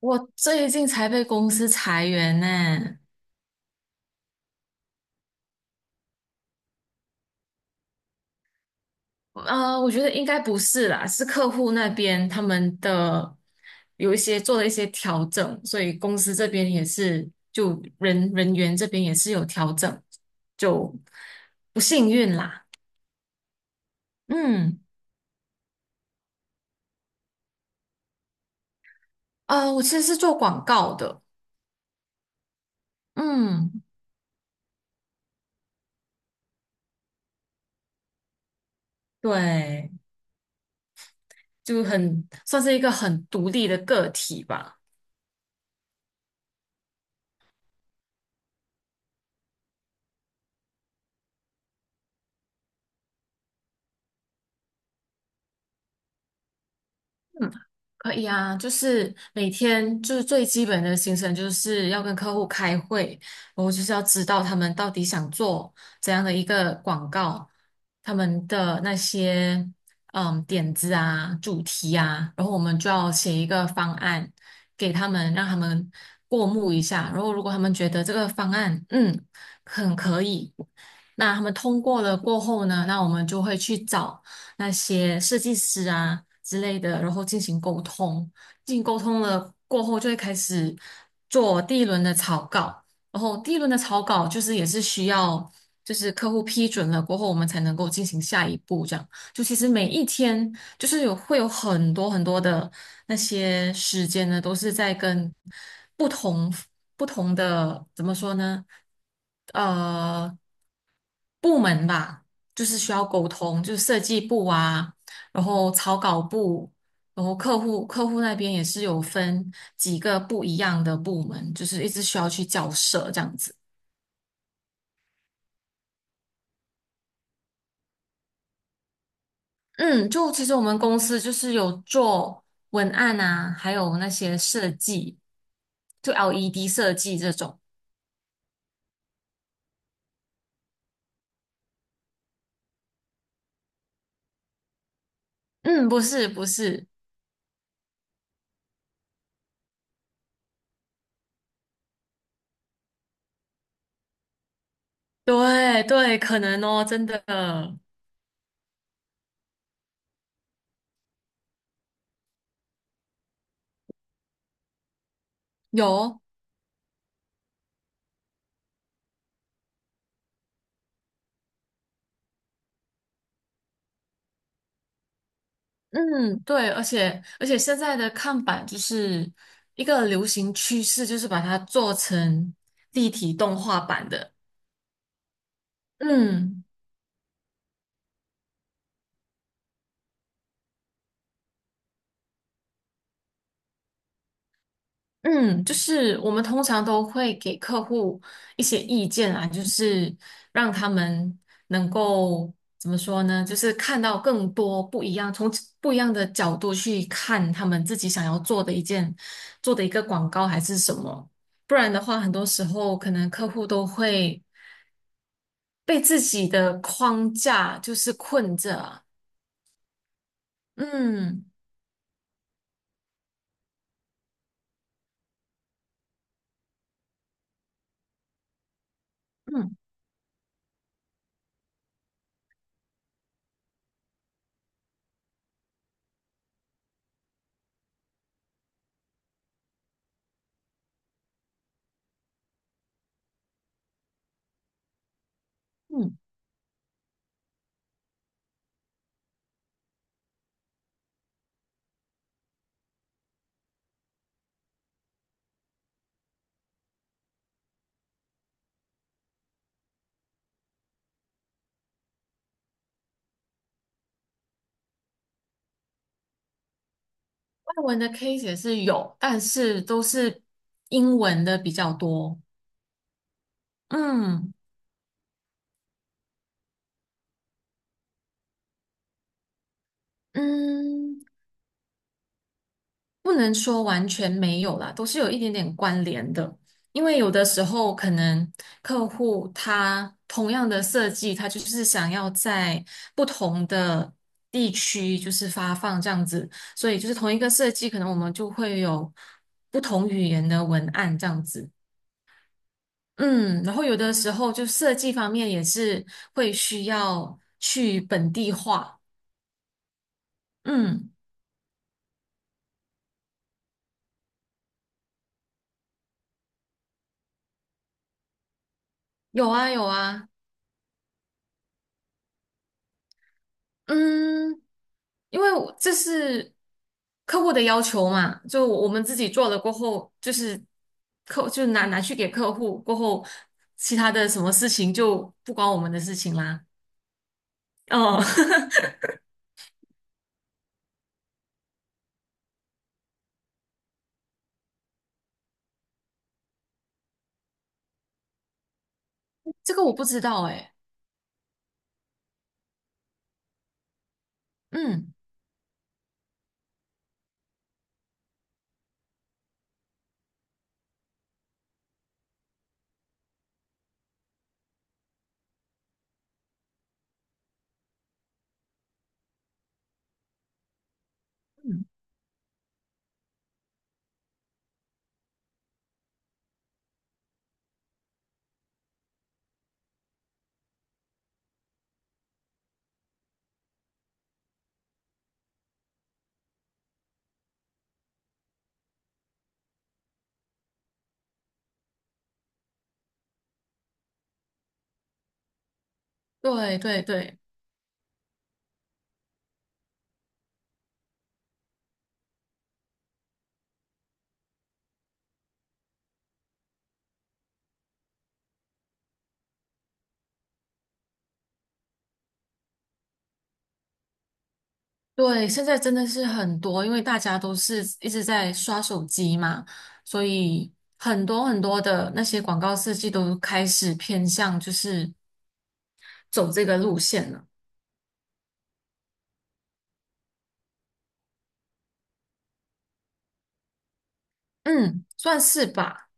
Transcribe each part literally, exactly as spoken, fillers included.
我最近才被公司裁员呢，呃，我觉得应该不是啦，是客户那边他们的有一些做了一些调整，所以公司这边也是就人人员这边也是有调整，就不幸运啦。嗯，啊，我其实是做广告的，嗯，对，就很算是一个很独立的个体吧。可以啊，就是每天就是最基本的行程，就是要跟客户开会，然后就是要知道他们到底想做怎样的一个广告，他们的那些嗯点子啊、主题啊，然后我们就要写一个方案给他们，让他们过目一下。然后如果他们觉得这个方案嗯很可以，那他们通过了过后呢，那我们就会去找那些设计师啊之类的，然后进行沟通。进行沟通了过后，就会开始做第一轮的草稿。然后第一轮的草稿就是也是需要，就是客户批准了过后，我们才能够进行下一步。这样，就其实每一天就是有会有很多很多的那些时间呢，都是在跟不同不同的怎么说呢？呃部门吧，就是需要沟通，就是设计部啊，然后草稿部，然后客户客户那边也是有分几个不一样的部门，就是一直需要去交涉这样子。嗯，就其实我们公司就是有做文案啊，还有那些设计，就 L E D 设计这种。嗯，不是不是，对对，可能哦，真的有。嗯，对，而且而且现在的看板就是一个流行趋势，就是把它做成立体动画版的。嗯嗯，就是我们通常都会给客户一些意见啊，就是让他们能够怎么说呢？就是看到更多不一样，从不一样的角度去看他们自己想要做的一件，做的一个广告还是什么。不然的话，很多时候可能客户都会被自己的框架就是困着啊。嗯嗯嗯，外文的 case 也是有，但是都是英文的比较多。嗯嗯。不能说完全没有啦，都是有一点点关联的。因为有的时候可能客户他同样的设计，他就是想要在不同的地区就是发放这样子，所以就是同一个设计，可能我们就会有不同语言的文案这样子。嗯，然后有的时候就设计方面也是会需要去本地化。嗯，有啊有啊。嗯，因为我这是客户的要求嘛，就我们自己做了过后，就是客就拿拿去给客户过后，其他的什么事情就不关我们的事情啦。哦，这个我不知道哎、嗯嗯，对对对。对，现在真的是很多，因为大家都是一直在刷手机嘛，所以很多很多的那些广告设计都开始偏向就是走这个路线了。嗯，算是吧。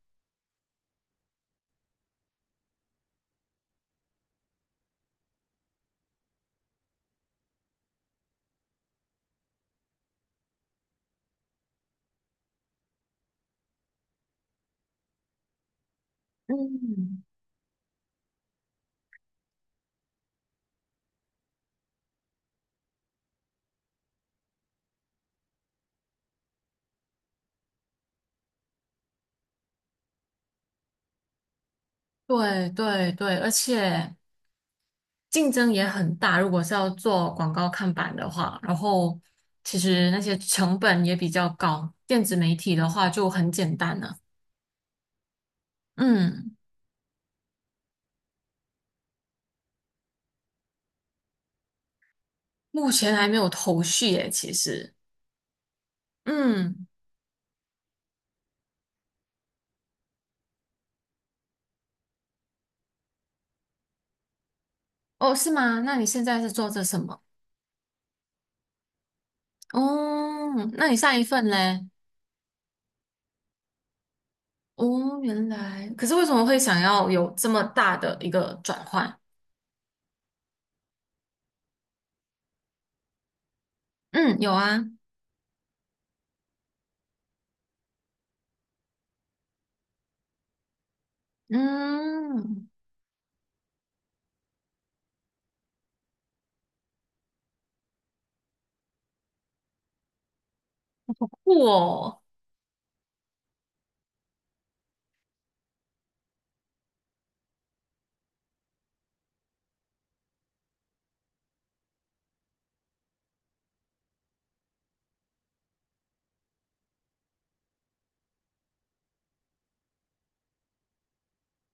嗯，对对对，而且竞争也很大，如果是要做广告看板的话，然后其实那些成本也比较高，电子媒体的话就很简单了。嗯，目前还没有头绪耶，其实。嗯，哦，是吗？那你现在是做着什么？哦，那你上一份嘞？哦，原来，可是为什么会想要有这么大的一个转换？嗯，有啊，嗯，酷哦，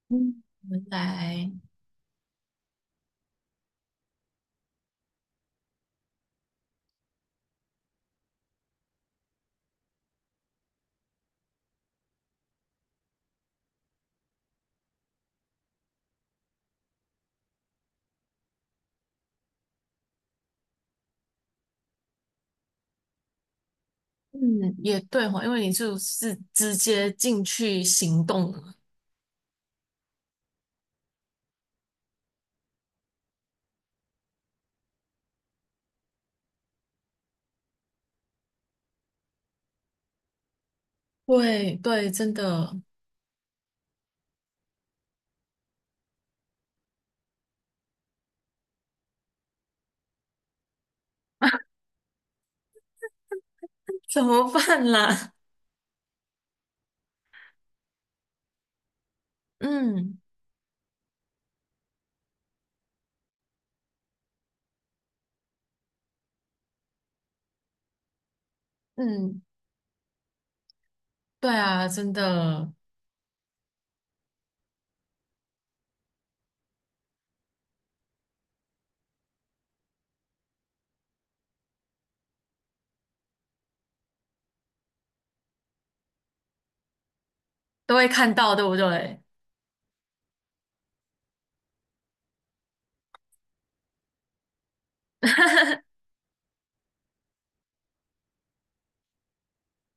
嗯，原来，嗯，也对哈，因为你就是直接进去行动了。对对，真的，怎么办啦？嗯嗯，对啊，真的都会看到，对不对？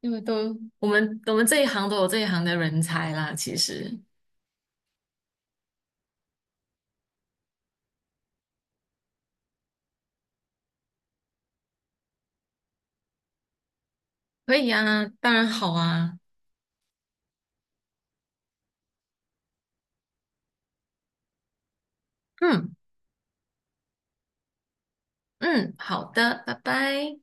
因为都我们我们这一行都有这一行的人才啦，其实可以啊，当然好啊，嗯嗯，好的，拜拜。